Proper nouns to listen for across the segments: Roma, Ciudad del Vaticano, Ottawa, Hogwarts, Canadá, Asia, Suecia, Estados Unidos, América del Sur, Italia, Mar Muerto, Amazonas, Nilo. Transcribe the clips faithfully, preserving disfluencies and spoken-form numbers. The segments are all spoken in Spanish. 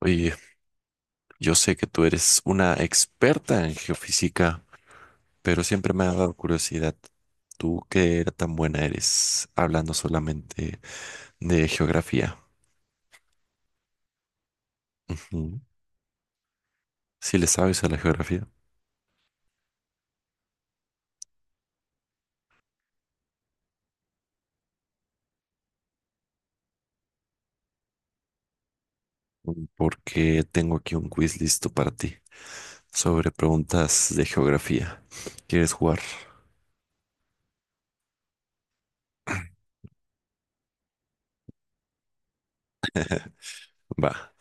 Oye, yo sé que tú eres una experta en geofísica, pero siempre me ha dado curiosidad. ¿Tú qué era tan buena eres hablando solamente de geografía? Ujú. Si le sabes a la geografía, porque tengo aquí un quiz listo para ti sobre preguntas de geografía. ¿Quieres jugar? Va.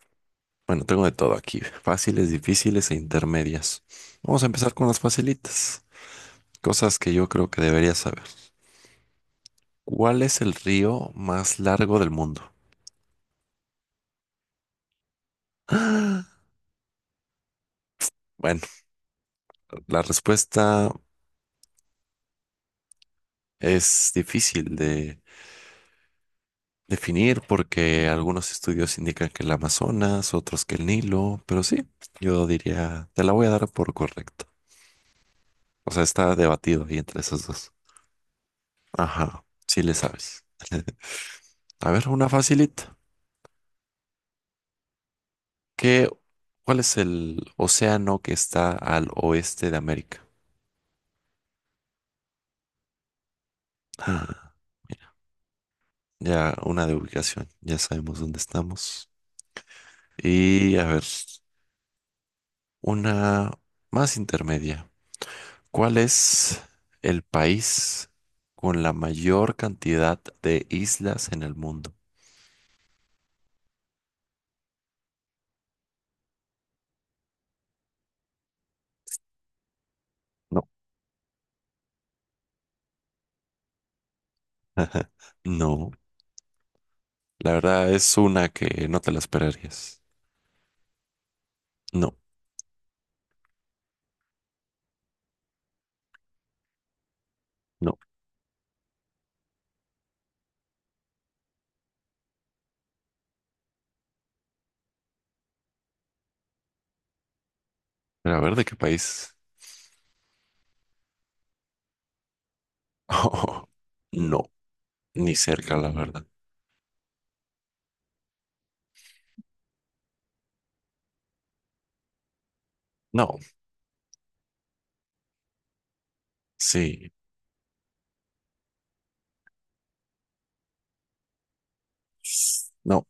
Bueno, tengo de todo aquí, fáciles, difíciles e intermedias. Vamos a empezar con las facilitas, cosas que yo creo que deberías saber. ¿Cuál es el río más largo del mundo? ¡Ah! Bueno, la respuesta es difícil de definir porque algunos estudios indican que el Amazonas, otros que el Nilo, pero sí, yo diría, te la voy a dar por correcto. O sea, está debatido ahí entre esos dos. Ajá, sí le sabes. A ver, una facilita. ¿Qué, ¿cuál es el océano que está al oeste de América? Ah, mira, ya una de ubicación, ya sabemos dónde estamos. Y a ver, una más intermedia. ¿Cuál es el país con la mayor cantidad de islas en el mundo? No. No, la verdad es una que no te la esperarías. No, no. Pero a ver, ¿de qué país? No, ni cerca, la verdad. No, sí. No,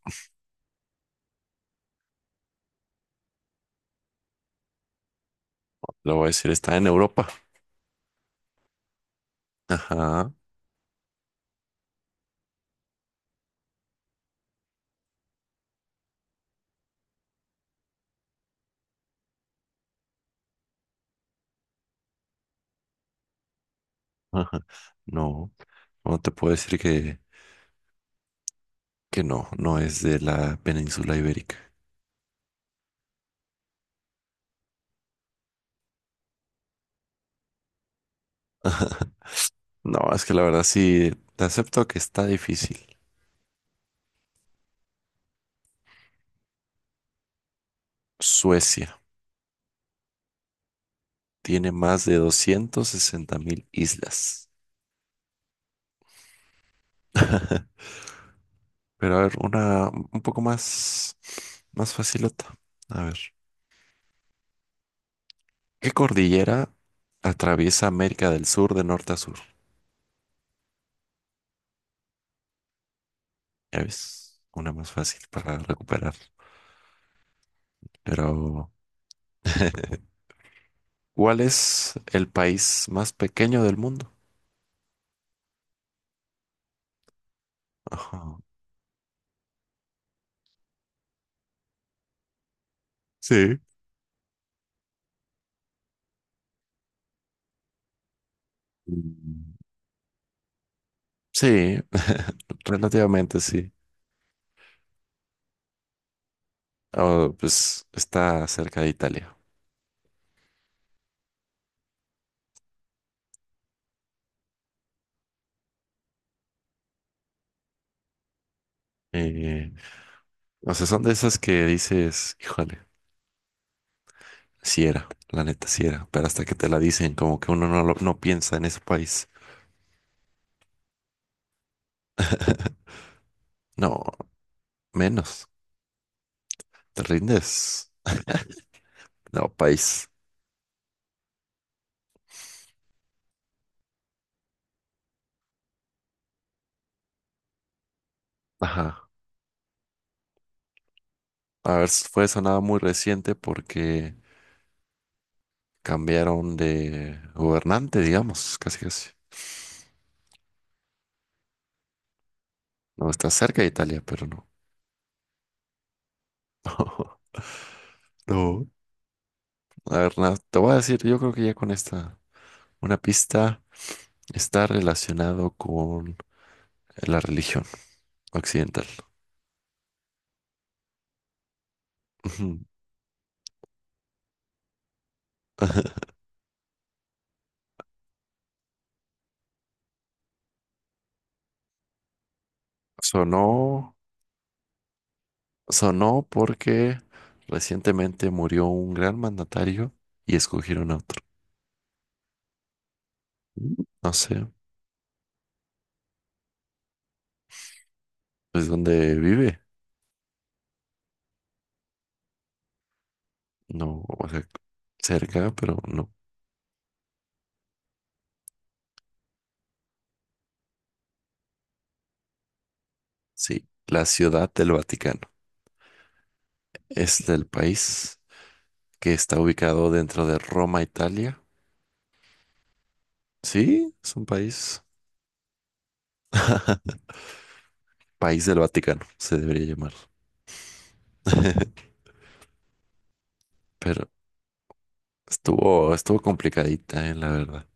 lo voy a decir, está en Europa. Ajá, ajá. No, no te puedo decir que que no, no es de la península ibérica. No, es que la verdad sí, te acepto que está difícil. Suecia tiene más de doscientas sesenta mil islas. Pero a ver, una un poco más, más facilota. A ver, ¿qué cordillera atraviesa América del Sur de norte a sur? Ya ves, una más fácil para recuperar. Pero, ¿cuál es el país más pequeño del mundo? Ajá. Sí. Mm. Sí, relativamente sí. Ah, pues está cerca de Italia. Eh, o sea, son de esas que dices, híjole, si era, la neta, si era, pero hasta que te la dicen, como que uno no, lo- no piensa en ese país. No, menos, te rindes. No, país. Ajá. A ver, fue sonada muy reciente porque cambiaron de gobernante, digamos, casi casi. No, está cerca de Italia, pero no. No. A ver, nada, te voy a decir, yo creo que ya con esta. Una pista está relacionado con la religión occidental. Ujú. Sonó, sonó porque recientemente murió un gran mandatario y escogieron a otro. Mm. No sé, pues dónde vive. No, o sea, cerca, pero no. Sí, la Ciudad del Vaticano. Es del país que está ubicado dentro de Roma, Italia. Sí, es un país, país del Vaticano, se debería llamar. Pero Estuvo, estuvo complicadita, eh, la verdad.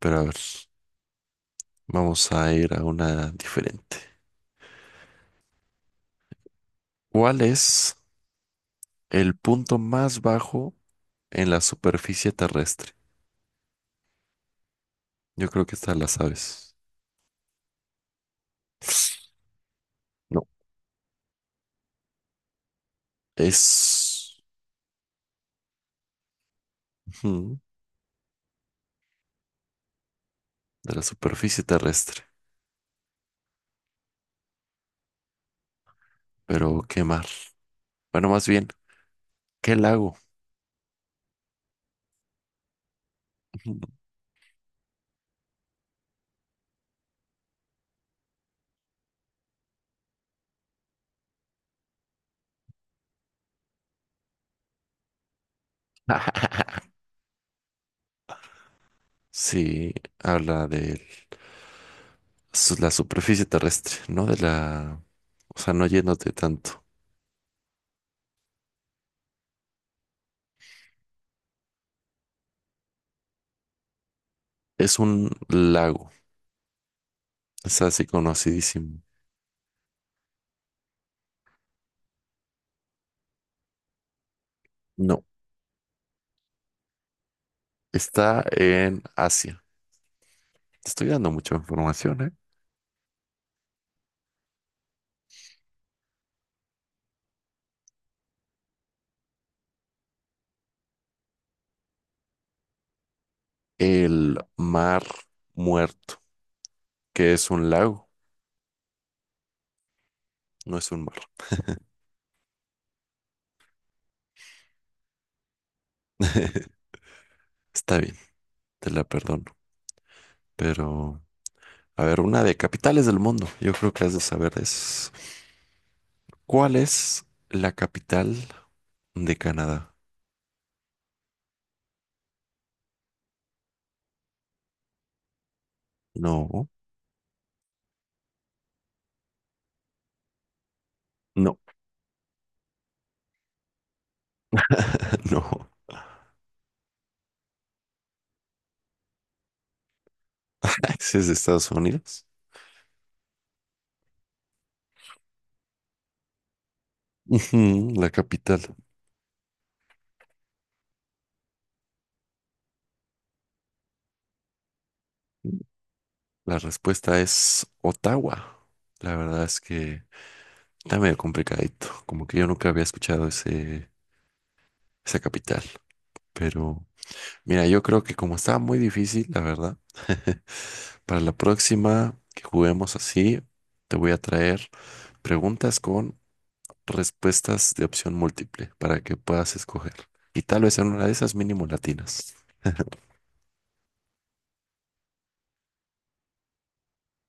Pero a ver, vamos a ir a una diferente. ¿Cuál es el punto más bajo en la superficie terrestre? Yo creo que esta la sabes. No, es ujú, de la superficie terrestre. Pero qué mar. Bueno, más bien, ¿qué lago? Ujú. Sí, habla de la superficie terrestre, no de la, o sea, no yéndote tanto. Es un lago. Es así conocidísimo. No, está en Asia. Te estoy dando mucha información, ¿eh? El Mar Muerto, que es un lago, no es un mar. Está bien, te la perdono. Pero, a ver, una de capitales del mundo. Yo creo que has de saber es. ¿Cuál es la capital de Canadá? No, no, no. ¿Ese es de Estados Unidos? Ujú, la capital. La respuesta es Ottawa. La verdad es que está medio complicadito, como que yo nunca había escuchado ese, esa capital. Pero mira, yo creo que como estaba muy difícil, la verdad, para la próxima que juguemos así, te voy a traer preguntas con respuestas de opción múltiple para que puedas escoger. Y tal vez en una de esas mínimo latinas.